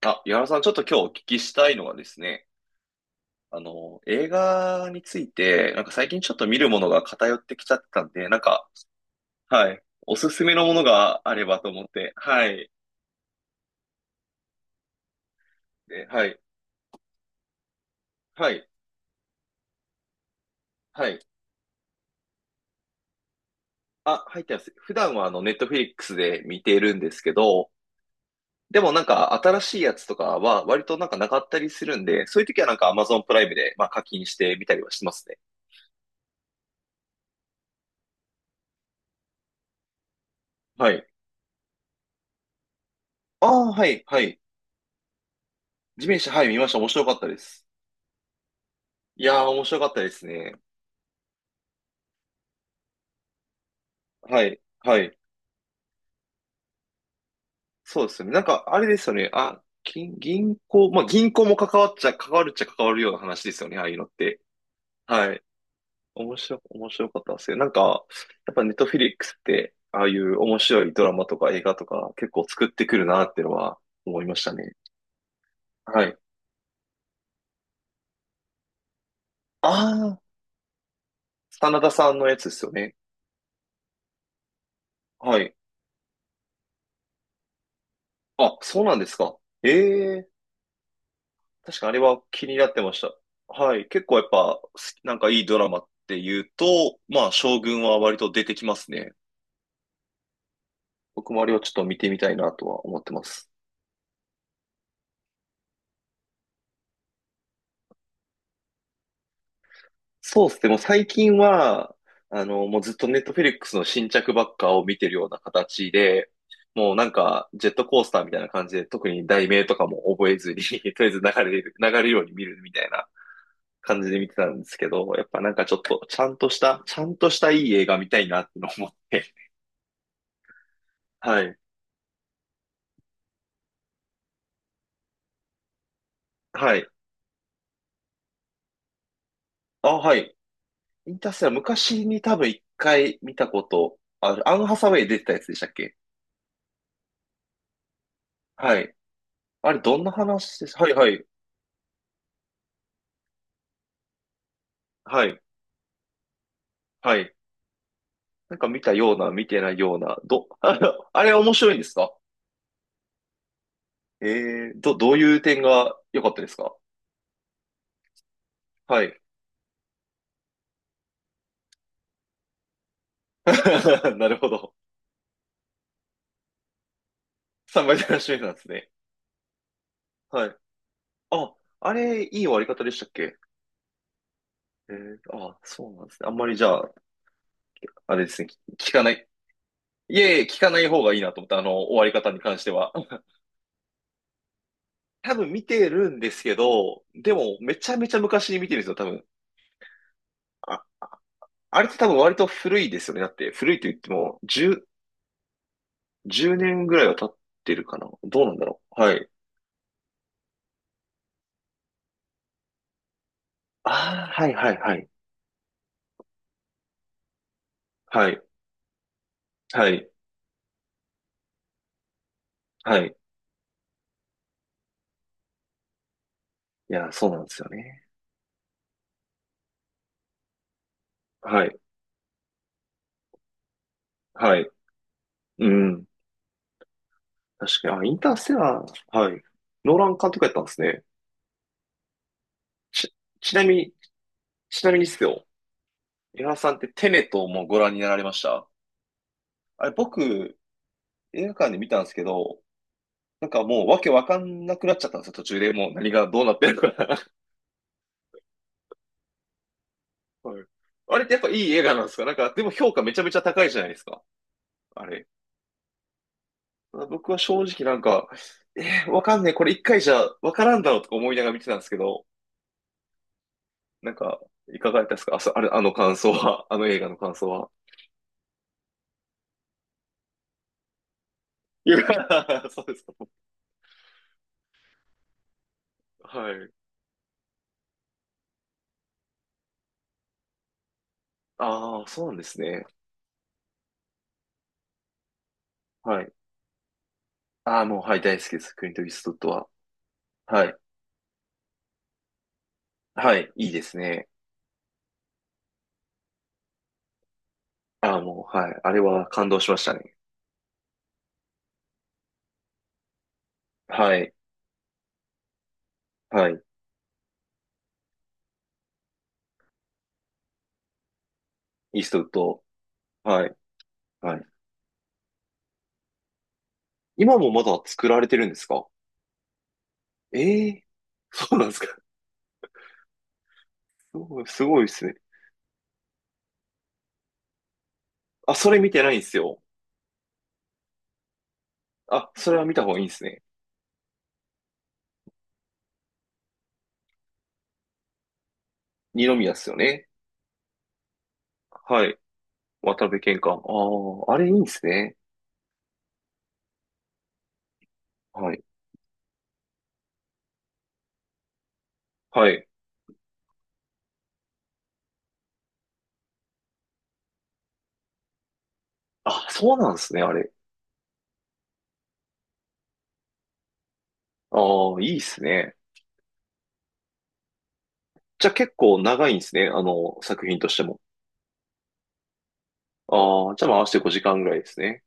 あ、井原さん、ちょっと今日お聞きしたいのはですね、映画について、なんか最近ちょっと見るものが偏ってきちゃってたんで、なんか、はい、おすすめのものがあればと思って、はい、で、はい、はい、はい。あ、入ってます。普段はネットフリックスで見ているんですけど、でもなんか新しいやつとかは割となんかなかったりするんで、そういう時はなんか Amazon プライムで、まあ、課金してみたりはしますね。はい。ああ、はい、はい。地面師、はい、見ました。面白かったです。いやー、面白かったですね。はい、はい。そうですよね。なんか、あれですよね。あ、金銀行、まあ、銀行も関わっちゃ、関わるっちゃ関わるような話ですよね。ああいうのって。はい。面白かったですよ。なんか、やっぱネットフィリックスって、ああいう面白いドラマとか映画とか結構作ってくるなっていうのは思いましたね。はい。ああ、真田さんのやつですよね。はい。あ、そうなんですか。ええ、確かにあれは気になってました。はい。結構やっぱ、すなんかいいドラマっていうと、まあ、将軍は割と出てきますね。僕もあれをちょっと見てみたいなとは思ってます。そうですね。もう最近は、もうずっとネットフェリックスの新着ばっかを見てるような形で、もうなんか、ジェットコースターみたいな感じで、特に題名とかも覚えずに とりあえず流れるように見るみたいな感じで見てたんですけど、やっぱなんかちょっと、ちゃんとしたいい映画見たいなってのを思って、はい。はい。あ、はい。インターステラー、昔に多分一回見たことある。アン・ハサウェイ出てたやつでしたっけ？はい。あれ、どんな話です？はい、はい。はい、はい。なんか見たような、見てないような。あれ、あれ面白いんですか？えー、どういう点が良かったですか？はい。なるほど。三倍楽しみなんですね。はい。あ、あれ、いい終わり方でしたっけ？えー、あ、そうなんですね。あんまりじゃあ、あれですね、聞かない。いえいえ、聞かない方がいいなと思った、終わり方に関しては。多分見てるんですけど、でもめちゃめちゃ昔に見てるんですよ、多分。あ、あれって多分割と古いですよね。だって古いと言っても10、年ぐらいは経ってるかな。どうなんだろう。はい。ああ、はいはいはい。はい。はい。はい。いや、そうなんですよね。はい。はい。うん。確かに。あ、インターステラー。はい。ノーラン監督やったんですね。ち、ちなみに、ちなみにですよ。江原さんってテネットもご覧になられました？あれ、僕、映画館で見たんですけど、なんかもうわけわかんなくなっちゃったんですよ、途中で。もう何がどうなってるか。はい。あれってやっぱいい映画なんですか？なんか、でも評価めちゃめちゃ高いじゃないですか。あれ。僕は正直なんか、えーわかんねえ、これ一回じゃわからんだろうとか思いながら見てたんですけど、なんか、いかがだったですか？あ、そあれ、あの感想は、あの映画の感想は。いや、そうですか。はい。ああ、そうなんですね。はい。ああ、もう、はい、大好きです。クリント・イーストウッドは。はい。はい、いいですね。ああ、もう、はい。あれは感動しましたね。はい。はい。イーストウッド。はい。はい。今もまだ作られてるんですか？ええー、そうなんですか。すごいですね。あ、それ見てないんですよ。あ、それは見た方がいいんですね。二宮っすよね。はい。渡辺謙寛。ああ、あれいいんですね。はい。はい。あ、そうなんですね、あれ。ああ、いいですね。じゃあ結構長いんですね、作品としても。ああ、じゃあまあ合わせて5時間ぐらいですね。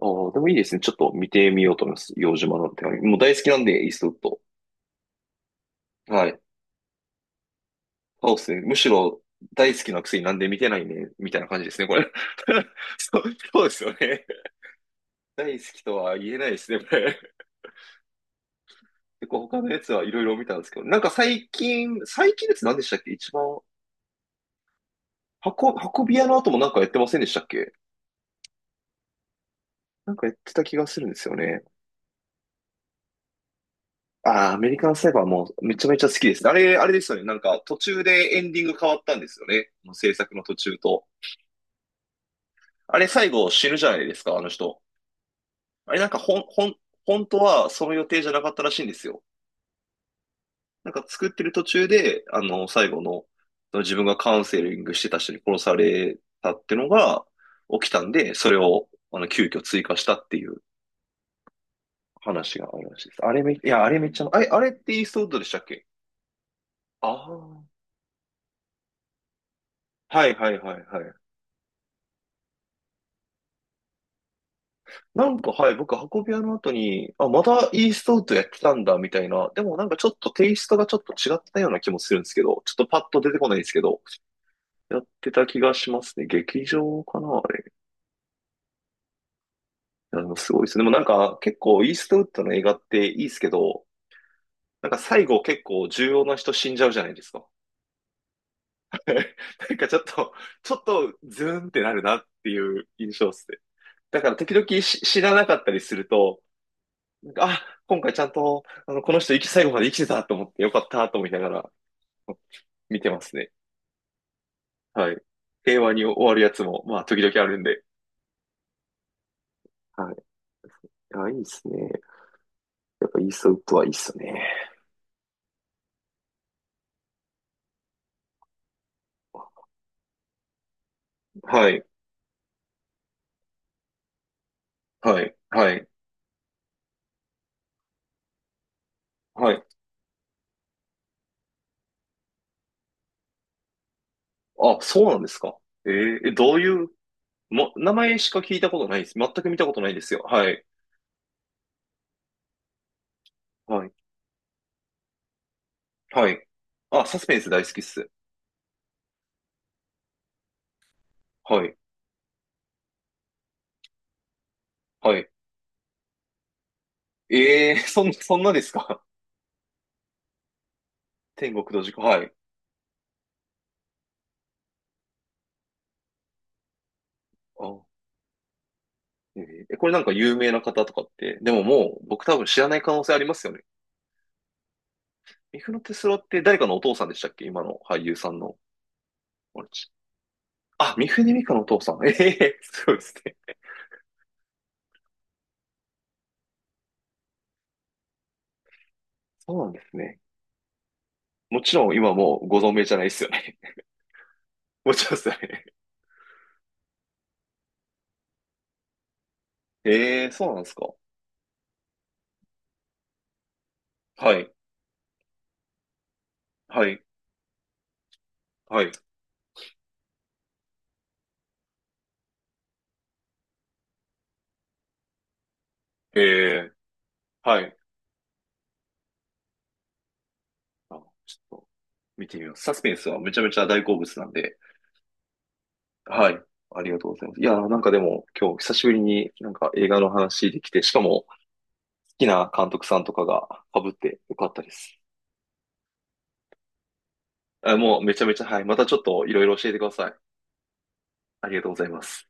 ああ、でもいいですね。ちょっと見てみようと思います。洋島の手紙。もう大好きなんで、イーストウッド。はい。そうですね。むしろ大好きなくせになんで見てないね、みたいな感じですね、これ。そう、そうですよね。大好きとは言えないですね、これ。結構他のやつはいろいろ見たんですけど、なんか最近です。何でしたっけ一番、箱、運び屋の後もなんかやってませんでしたっけ？なんかやってた気がするんですよね。ああ、アメリカンサイバーもめちゃめちゃ好きですね。あれ、あれですよね。なんか途中でエンディング変わったんですよね。制作の途中と。あれ最後死ぬじゃないですか、あの人。あれなんかほん、ほん、本当はその予定じゃなかったらしいんですよ。なんか作ってる途中で、最後の、自分がカウンセリングしてた人に殺されたってのが起きたんで、それを、急遽追加したっていう話があるらしいです。あれめ、いや、あれめっちゃ、あれってイーストウッドでしたっけ？ああー。はいはいはいはい。なんか、はい、僕、運び屋の後に、あ、またイーストウッドやってたんだ、みたいな。でもなんかちょっとテイストがちょっと違ったような気もするんですけど、ちょっとパッと出てこないですけど、やってた気がしますね。劇場かな、あれ。いや、でもすごいですね。でもなんか結構イーストウッドの映画っていいですけど、なんか最後結構重要な人死んじゃうじゃないですか。なんかちょっと、ちょっとズーンってなるなっていう印象ですね。だから時々し知らなかったりすると、なんかあ、今回ちゃんと、この人生き、最後まで生きてたと思ってよかったと思いながら見てますね。はい。平和に終わるやつも、まあ時々あるんで。はい。あ、いいっすね。やっぱイーストウッドはいいっすね。はい、はい、はい、はい。あ、そうなんですか。えーえどういう、も、名前しか聞いたことないです。全く見たことないですよ。はい、はい、はい。あ、サスペンス大好きっす。はい、はい。えー、そんなですか。天国と地獄、はい。あ、えーこれなんか有名な方とかって、でももう僕多分知らない可能性ありますよね。ミフノテスロって誰かのお父さんでしたっけ？今の俳優さんの。あれち、あ、ミフネミカのお父さん。ええすごい ですね。そうなんですね。もちろん今もうご存命じゃないですよね。もちろんですね。ええ、そうなんですか。はい、はい、はい。ええ、はい。あ、ちょっと見てみます。サスペンスはめちゃめちゃ大好物なんで、はい。ありがとうございます。いやー、なんかでも今日久しぶりになんか映画の話できて、しかも好きな監督さんとかが被ってよかったです。あ、もうめちゃめちゃ、はい。またちょっといろいろ教えてください。ありがとうございます。